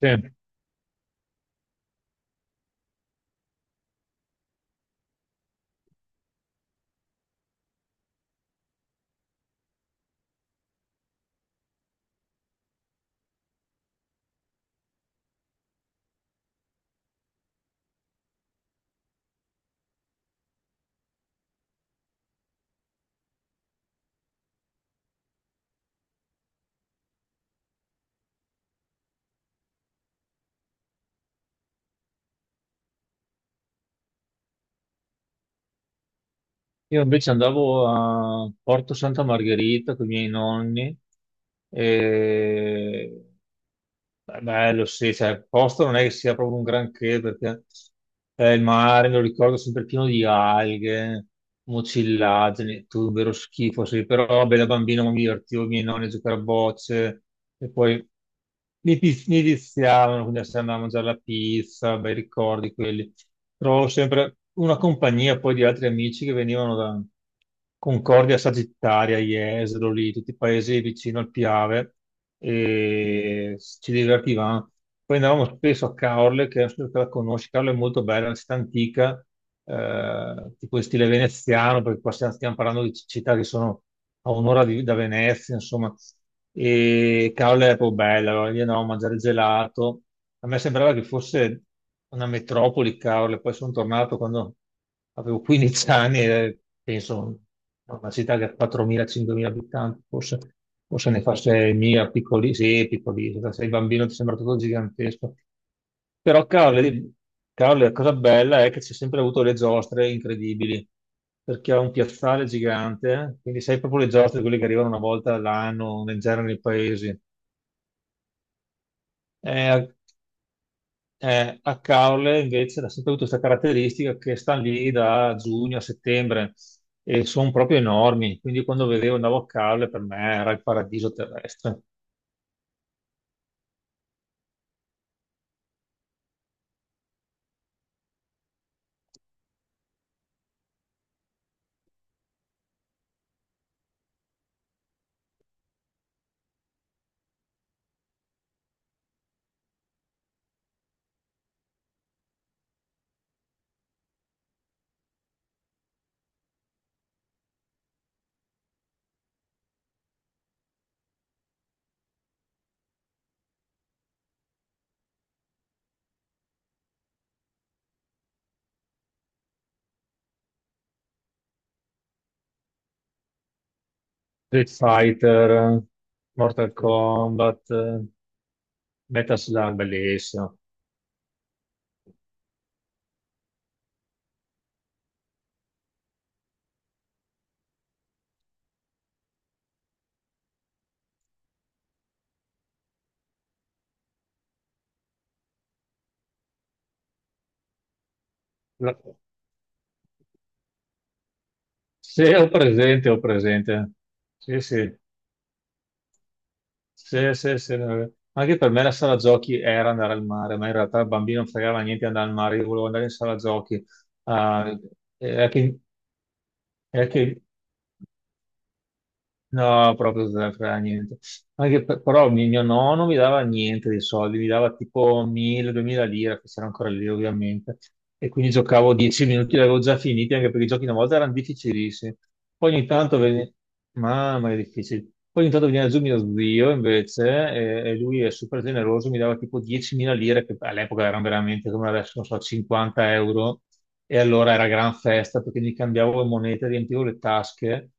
Sì. Io invece andavo a Porto Santa Margherita con i miei nonni e è bello, sì, cioè, il posto non è che sia proprio un granché perché il mare, me lo ricordo sempre pieno di alghe, mucillagini, tutto un vero schifo, sì, però vabbè, da bambino mi divertivo, i miei nonni a giocare a bocce e poi mi viziavano, quindi se andavo a mangiare la pizza, bei ricordi quelli. Trovavo sempre una compagnia poi di altri amici che venivano da Concordia Sagittaria, Jesolo, lì, tutti i paesi vicino al Piave e ci divertivamo. Poi andavamo spesso a Caorle, che non so se la conosci, Caorle è molto bella, è una città antica, tipo in stile veneziano, perché qua stiamo parlando di città che sono a da Venezia, insomma, e Caorle è proprio bella, allora lì andavamo a mangiare gelato. A me sembrava che fosse una metropoli, cavolo, e poi sono tornato quando avevo 15 anni e penso "No, una città che ha 4.000-5.000 abitanti, forse, forse ne fa 6.000, piccoli, sì, piccoli, se sei bambino ti sembra tutto gigantesco. Però, cavolo, la cosa bella è che c'è sempre avuto le giostre incredibili, perché ha un piazzale gigante, quindi sai proprio le giostre, quelle che arrivano una volta all'anno, nel genere nei paesi. Eh, A Caorle invece ha sempre avuto questa caratteristica che stanno lì da giugno a settembre e sono proprio enormi, quindi quando vedevo andavo a Caorle per me era il paradiso terrestre. Street Fighter, Mortal Sì. Kombat, Metal Slug, bellissimo. La- Se ho presente, ho presente. Sì, sì, sì, sì, sì. Anche per me la sala giochi era andare al mare, ma in realtà il bambino non fregava niente di andare al mare, io volevo andare in sala giochi. Ah, che È che no, proprio zero, fra niente. Anche per- però mi- Mio nonno mi dava niente dei soldi, mi dava tipo 1000-2000 lire, che c'erano ancora lì ovviamente. E quindi giocavo 10 minuti, li avevo già finiti, anche perché i giochi una volta erano difficilissimi. Poi ogni tanto veniva... Mamma, che difficile. Poi ogni tanto veniva giù mio zio invece, e lui è super generoso, mi dava tipo 10.000 lire, che all'epoca erano veramente come adesso, non so, 50 euro. E allora era gran festa perché mi cambiavo le monete, riempivo le tasche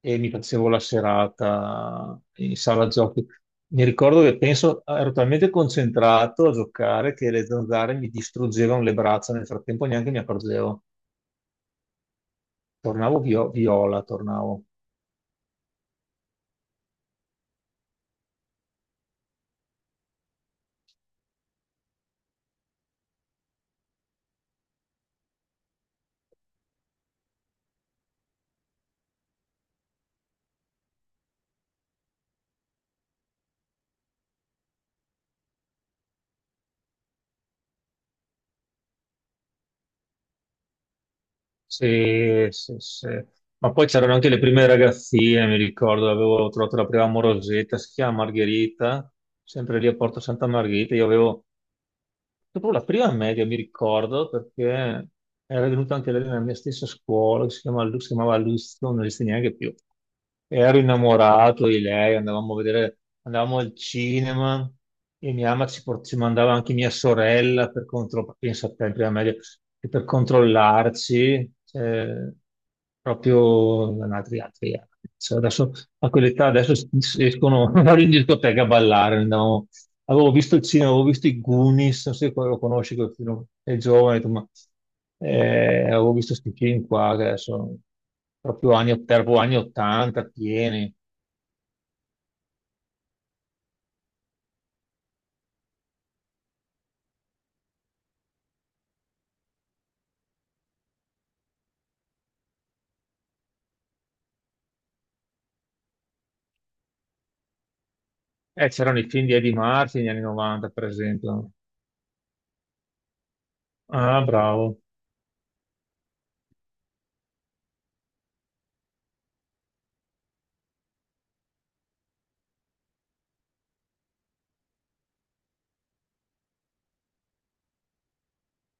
e mi facevo la serata in sala giochi. Mi ricordo che penso, ero talmente concentrato a giocare che le zanzare mi distruggevano le braccia, nel frattempo neanche mi accorgevo. Tornavo viola, tornavo. Sì, sì, sì. Ma poi c'erano anche le prime ragazzine, mi ricordo, avevo trovato la prima amorosetta, si chiama Margherita, sempre lì a Porto Santa Margherita, io avevo Dopo la prima media mi ricordo perché era venuto anche lei nella mia stessa scuola, che si chiamava Luzio, non esiste neanche più. E ero innamorato di lei, andavamo a vedere, andavamo al cinema e mia mamma ci mandava anche mia sorella per controllare, pensa a te, in prima media, e per controllarci, cioè, proprio altri anni. Cioè, adesso a quell'età adesso escono vanno in discoteca a ballare, andavamo Avevo visto il cinema, avevo visto i Goonies, non so se lo conosci quel film, è giovane, ho detto, ma avevo visto questi film qua che sono proprio anni 80 pieni. C'erano i film di Eddie Murphy negli anni 90, per esempio. Ah, bravo.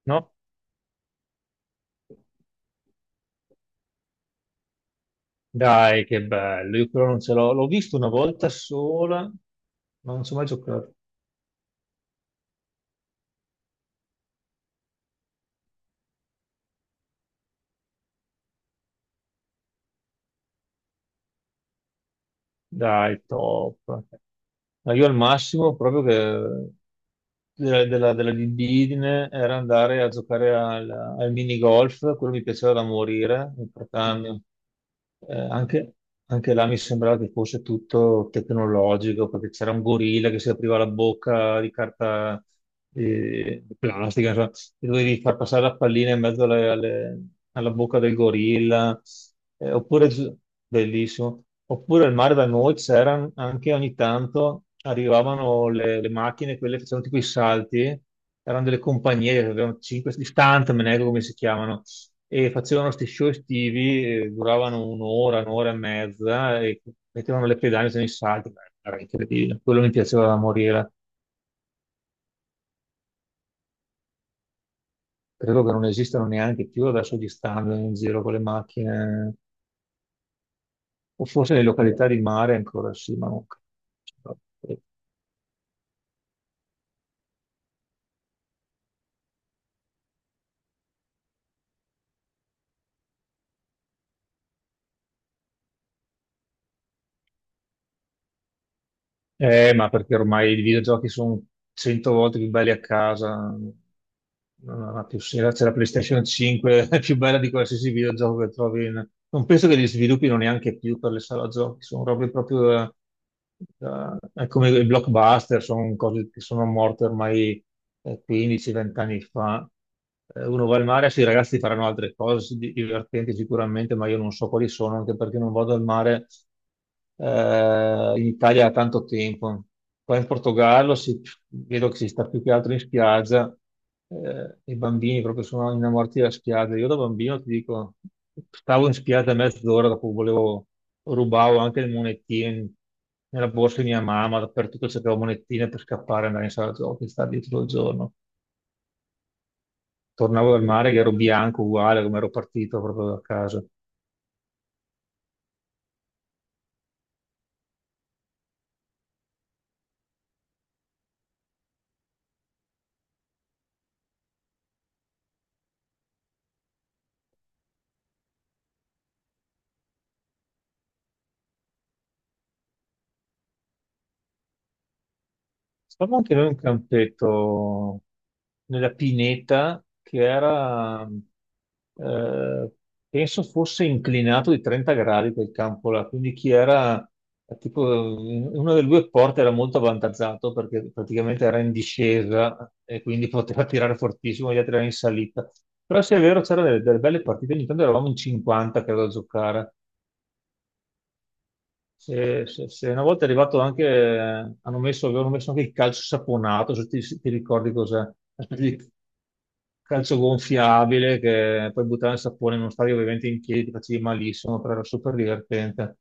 No? Dai, che bello. Io però non ce l'ho. L'ho visto una volta sola, ma non ci ho mai giocato. Dai, top. Ma io al massimo proprio che della libidine era andare a giocare al minigolf, quello mi piaceva da morire, in Mm. Catania. Eh, anche, Anche là mi sembrava che fosse tutto tecnologico, perché c'era un gorilla che si apriva la bocca di carta di plastica, insomma, e dovevi far passare la pallina in mezzo alla bocca del gorilla, Eh, oppure, gi- bellissimo, oppure al mare da noi c'erano anche ogni tanto, arrivavano le macchine, quelle che facevano tipo i salti, erano delle compagnie, che avevano 5 stuntman, ecco come si chiamano e facevano questi show estivi, duravano un'ora, un'ora e mezza e mettevano le pedane sui salti, beh, era incredibile, quello mi piaceva da morire. Credo che non esistano neanche più adesso gli stand in giro con le macchine, o forse le località di mare ancora sì, ma non credo. Ma perché ormai i videogiochi sono cento volte più belli a casa, non ha più senso. C'è la PlayStation 5, è più bella di qualsiasi videogioco che trovi. Non penso che li sviluppino neanche più per le sale giochi, sono robe proprio è come i blockbuster, sono cose che sono morte ormai 15-20 anni fa. Uno va al mare, sì, i ragazzi faranno altre cose sì, divertenti sicuramente, ma io non so quali sono, anche perché non vado al mare in Italia da tanto tempo. Qua in Portogallo vedo che si sta più che altro in spiaggia, i bambini proprio sono innamorati della spiaggia. Io da bambino ti dico, stavo in spiaggia mezz'ora, dopo volevo, rubavo anche le monetine nella borsa di mia mamma, dappertutto cercavo monetine per scappare e andare in sala giochi, stare dietro il giorno. Tornavo dal mare che ero bianco uguale come ero partito proprio da casa. Stavamo anche noi in un campetto nella pineta che era, eh, penso fosse inclinato di 30 gradi quel campo là, quindi chi era tipo in una delle due porte era molto avvantaggiato perché praticamente era in discesa e quindi poteva tirare fortissimo, gli altri erano in salita. Però se è vero c'erano delle belle partite, ogni tanto eravamo in 50 credo a giocare. Sì, sì, sì. Una volta è arrivato anche, hanno messo, avevano messo anche il calcio saponato, se ti ricordi cos'è, una specie di calcio gonfiabile che poi buttare il sapone in uno stadio ovviamente in piedi, ti facevi malissimo, però era super divertente.